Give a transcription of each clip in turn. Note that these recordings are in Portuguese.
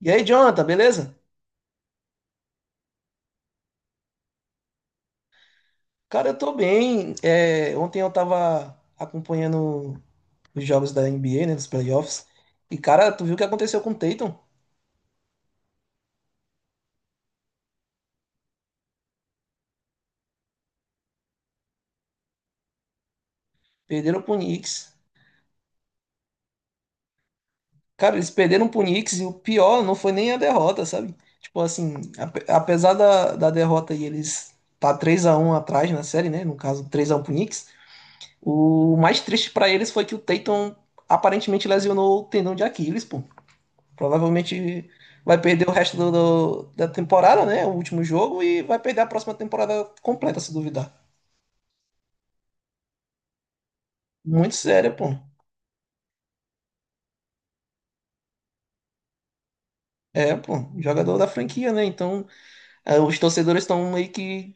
E aí, Jonathan, beleza? Cara, eu tô bem. É, ontem eu tava acompanhando os jogos da NBA, né, dos playoffs. E, cara, tu viu o que aconteceu com o Tatum? Perderam pro Knicks. Cara, eles perderam pro Knicks e o pior não foi nem a derrota, sabe? Tipo assim, apesar da derrota e eles tá 3 a 1 atrás na série, né? No caso, 3x1 pro Knicks. O mais triste pra eles foi que o Tatum aparentemente lesionou o tendão de Aquiles, pô. Provavelmente vai perder o resto da temporada, né? O último jogo e vai perder a próxima temporada completa, se duvidar. Muito sério, pô. É, pô, jogador da franquia, né? Então, os torcedores estão meio que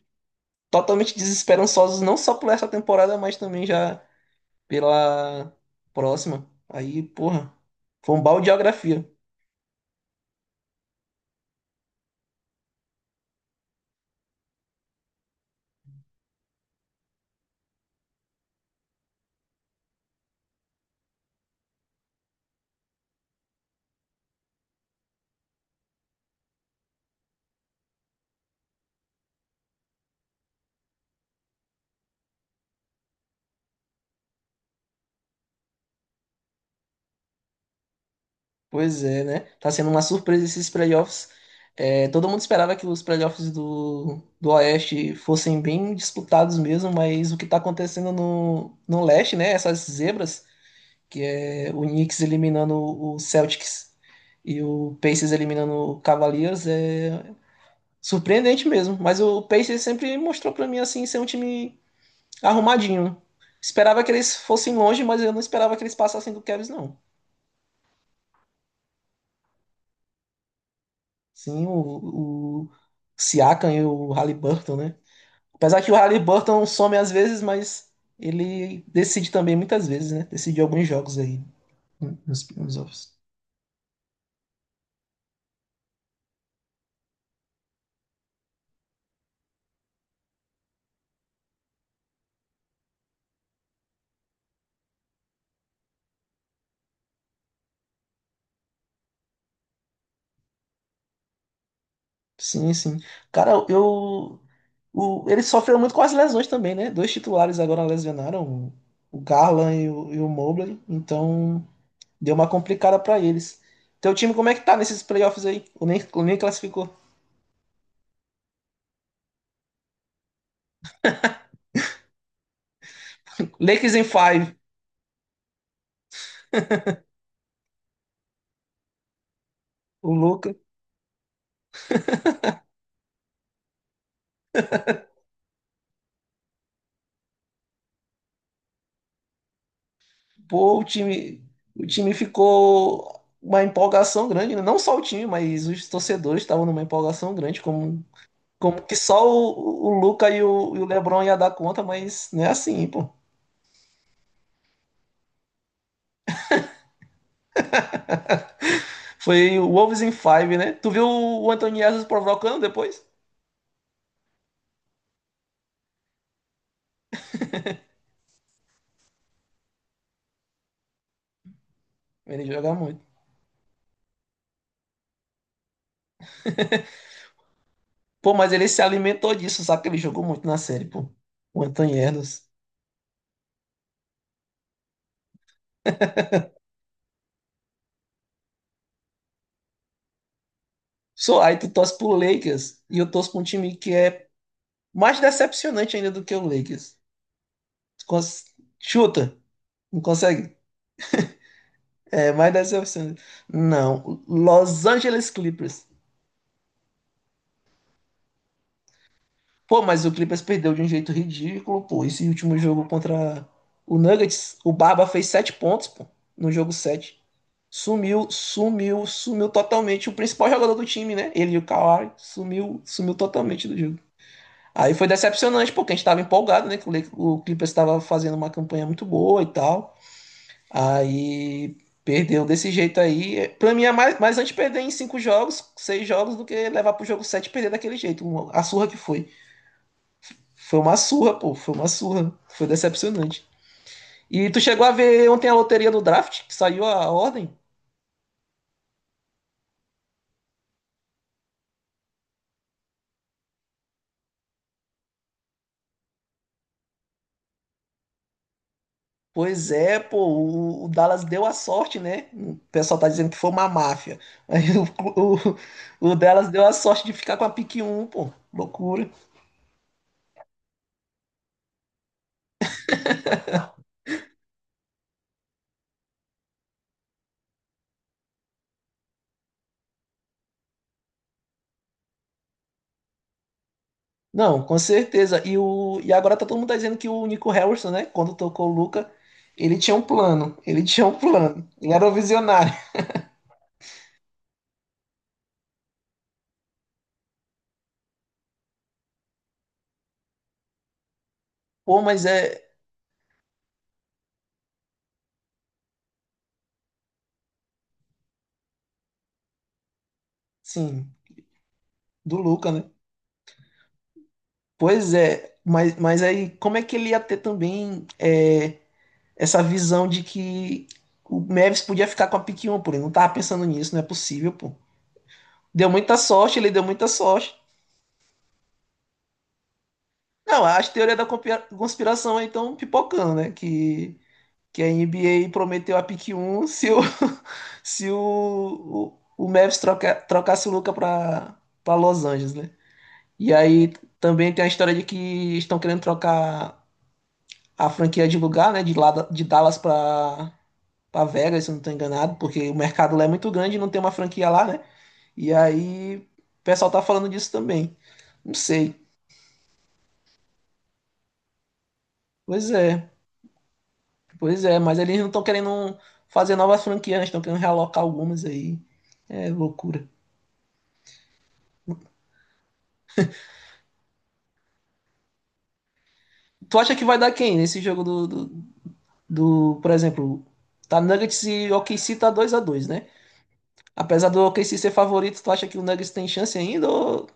totalmente desesperançosos, não só por essa temporada, mas também já pela próxima. Aí, porra, foi um balde de geografia. Pois é, né? Tá sendo uma surpresa esses playoffs. É, todo mundo esperava que os playoffs do Oeste fossem bem disputados mesmo, mas o que tá acontecendo no Leste, né? Essas zebras, que é o Knicks eliminando o Celtics e o Pacers eliminando o Cavaliers, é surpreendente mesmo. Mas o Pacers sempre mostrou pra mim, assim, ser um time arrumadinho. Esperava que eles fossem longe, mas eu não esperava que eles passassem do Cavs, não. Sim, o Siakam e o Haliburton, né? Apesar que o Haliburton some às vezes, mas ele decide também muitas vezes, né? Decidiu alguns jogos aí, né, nos offs. Sim, sim. Cara, eu. Ele sofreu muito com as lesões também, né? Dois titulares agora lesionaram, o Garland e e o Mobley, então deu uma complicada pra eles. Teu time, como é que tá nesses playoffs aí? O nem classificou. Lakers em five, o Luca. Pô, o time ficou uma empolgação grande, né? Não só o time, mas os torcedores estavam numa empolgação grande, como que só o Luca e e o LeBron ia dar conta, mas não é assim, pô. Foi o Wolves in Five, né? Tu viu o Anthony Edwards provocando depois? Ele joga muito. Pô, mas ele se alimentou disso, sabe? Que ele jogou muito na série, pô. O Anthony Edwards. Só aí tu torce pro Lakers e eu torço pra um time que é mais decepcionante ainda do que o Lakers. Cons- Chuta. Não consegue. É mais decepcionante. Não. Los Angeles Clippers. Pô, mas o Clippers perdeu de um jeito ridículo, pô. Esse último jogo contra o Nuggets, o Barba fez sete pontos, pô, no jogo sete. Sumiu, sumiu, sumiu totalmente. O principal jogador do time, né? Ele e o Kawhi sumiu, sumiu totalmente do jogo. Aí foi decepcionante, porque a gente tava empolgado, né? Que o o Clippers estava fazendo uma campanha muito boa e tal. Aí perdeu desse jeito aí. Pra mim é mais antes perder em cinco jogos, seis jogos, do que levar pro jogo 7 e perder daquele jeito. A surra que foi. Foi uma surra, pô. Foi uma surra. Foi decepcionante. E tu chegou a ver ontem a loteria do draft, que saiu a ordem? Pois é, pô, o Dallas deu a sorte, né? O pessoal tá dizendo que foi uma máfia. Aí o Dallas deu a sorte de ficar com a pique 1, pô. Loucura. Não, com certeza. E agora todo mundo tá dizendo que o Nico Harrison, né? Quando tocou o Luca, ele tinha um plano. Ele tinha um plano. Ele era um visionário. Pô, mas é. Sim, do Luca, né? Pois é. Mas aí, como é que ele ia ter também essa visão de que o Mavis podia ficar com a pick 1, pô? Ele não tava pensando nisso, não é possível, pô. Deu muita sorte, ele deu muita sorte. Não, as teorias da conspiração aí estão pipocando, né? Que a NBA prometeu a pick 1 se o Mavis trocasse o Luca para Los Angeles, né? E aí também tem a história de que estão querendo trocar a franquia de lugar, né? De Dallas para Vegas, se eu não estou enganado, porque o mercado lá é muito grande e não tem uma franquia lá, né? E aí o pessoal tá falando disso também. Não sei. Pois é, pois é, mas eles não estão querendo fazer novas franquias, né? Estão querendo realocar algumas aí. É loucura. Tu acha que vai dar quem nesse jogo do, por exemplo, tá Nuggets e o OKC tá 2 a 2, né? Apesar do OKC ser favorito, tu acha que o Nuggets tem chance ainda ou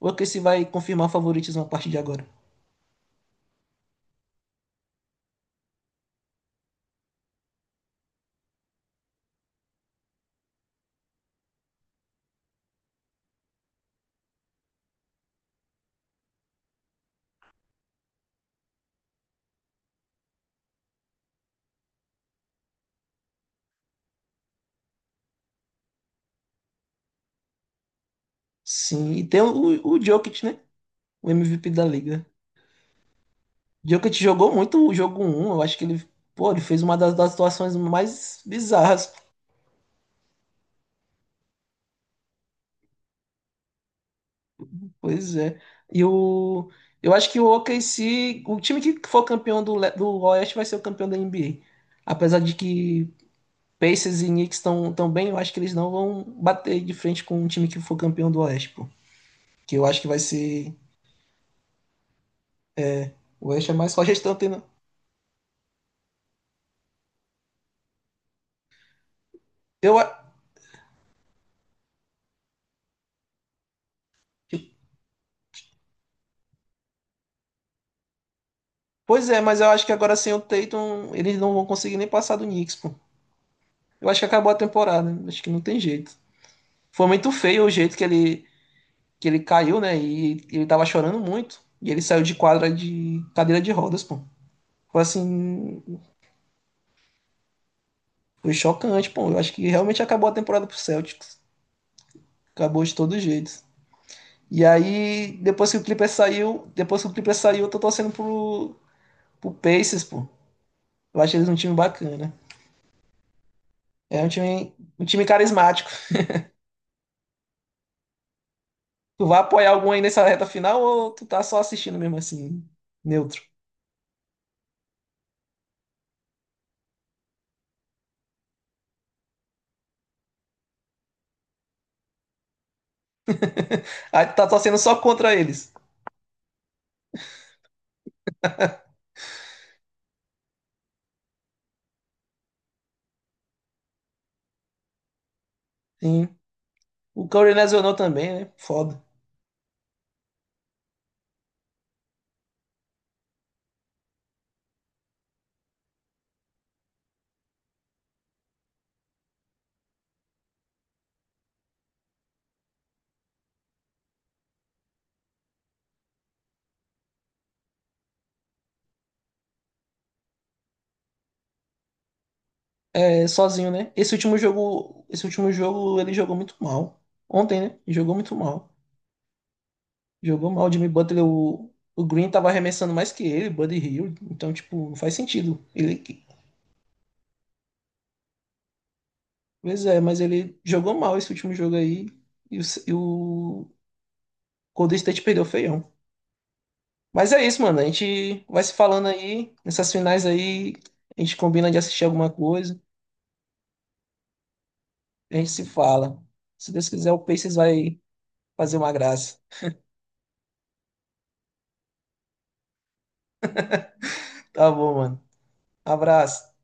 o OKC vai confirmar favoritismo a partir de agora? Sim, e tem o Jokic, né? O MVP da liga. Jokic jogou muito o jogo um. Eu acho que ele, pô, ele fez uma das situações mais bizarras, pois é. E o eu acho que o OKC, o time que for campeão do Oeste vai ser o campeão da NBA. Apesar de que Pacers e Knicks estão tão bem, eu acho que eles não vão bater de frente com um time que for campeão do Oeste, pô. Que eu acho que vai ser. O Oeste é mais forte, eles estão tendo. Eu... Pois é, mas eu acho que agora sem o Tatum, eles não vão conseguir nem passar do Knicks, pô. Eu acho que acabou a temporada, né? Acho que não tem jeito. Foi muito feio o jeito que ele, caiu, né? E ele tava chorando muito. E ele saiu de quadra de cadeira de rodas, pô. Foi assim. Foi chocante, pô. Eu acho que realmente acabou a temporada pro Celtics. Acabou de todo jeito. E aí, depois que o Clippers saiu, depois que o Clippers saiu, eu tô torcendo pro Pacers, pô. Eu acho eles um time bacana. É um time carismático. Tu vai apoiar algum aí nessa reta final ou tu tá só assistindo mesmo assim, neutro? Aí tu tá torcendo só contra eles. Sim. O Curry lesionou também, né? Foda. É sozinho, né? Esse último jogo ele jogou muito mal. Ontem, né? Jogou muito mal. Jogou mal o Jimmy Butler, o Green tava arremessando mais que ele, Buddy Hill. Então, tipo, não faz sentido. Ele Pois é, mas ele jogou mal esse último jogo aí e o, e o Golden State perdeu feião. Mas é isso, mano. A gente vai se falando aí. Nessas finais aí, a gente combina de assistir alguma coisa. A gente se fala. Se Deus quiser, o Pacers vai fazer uma graça. Tá bom, mano. Abraço.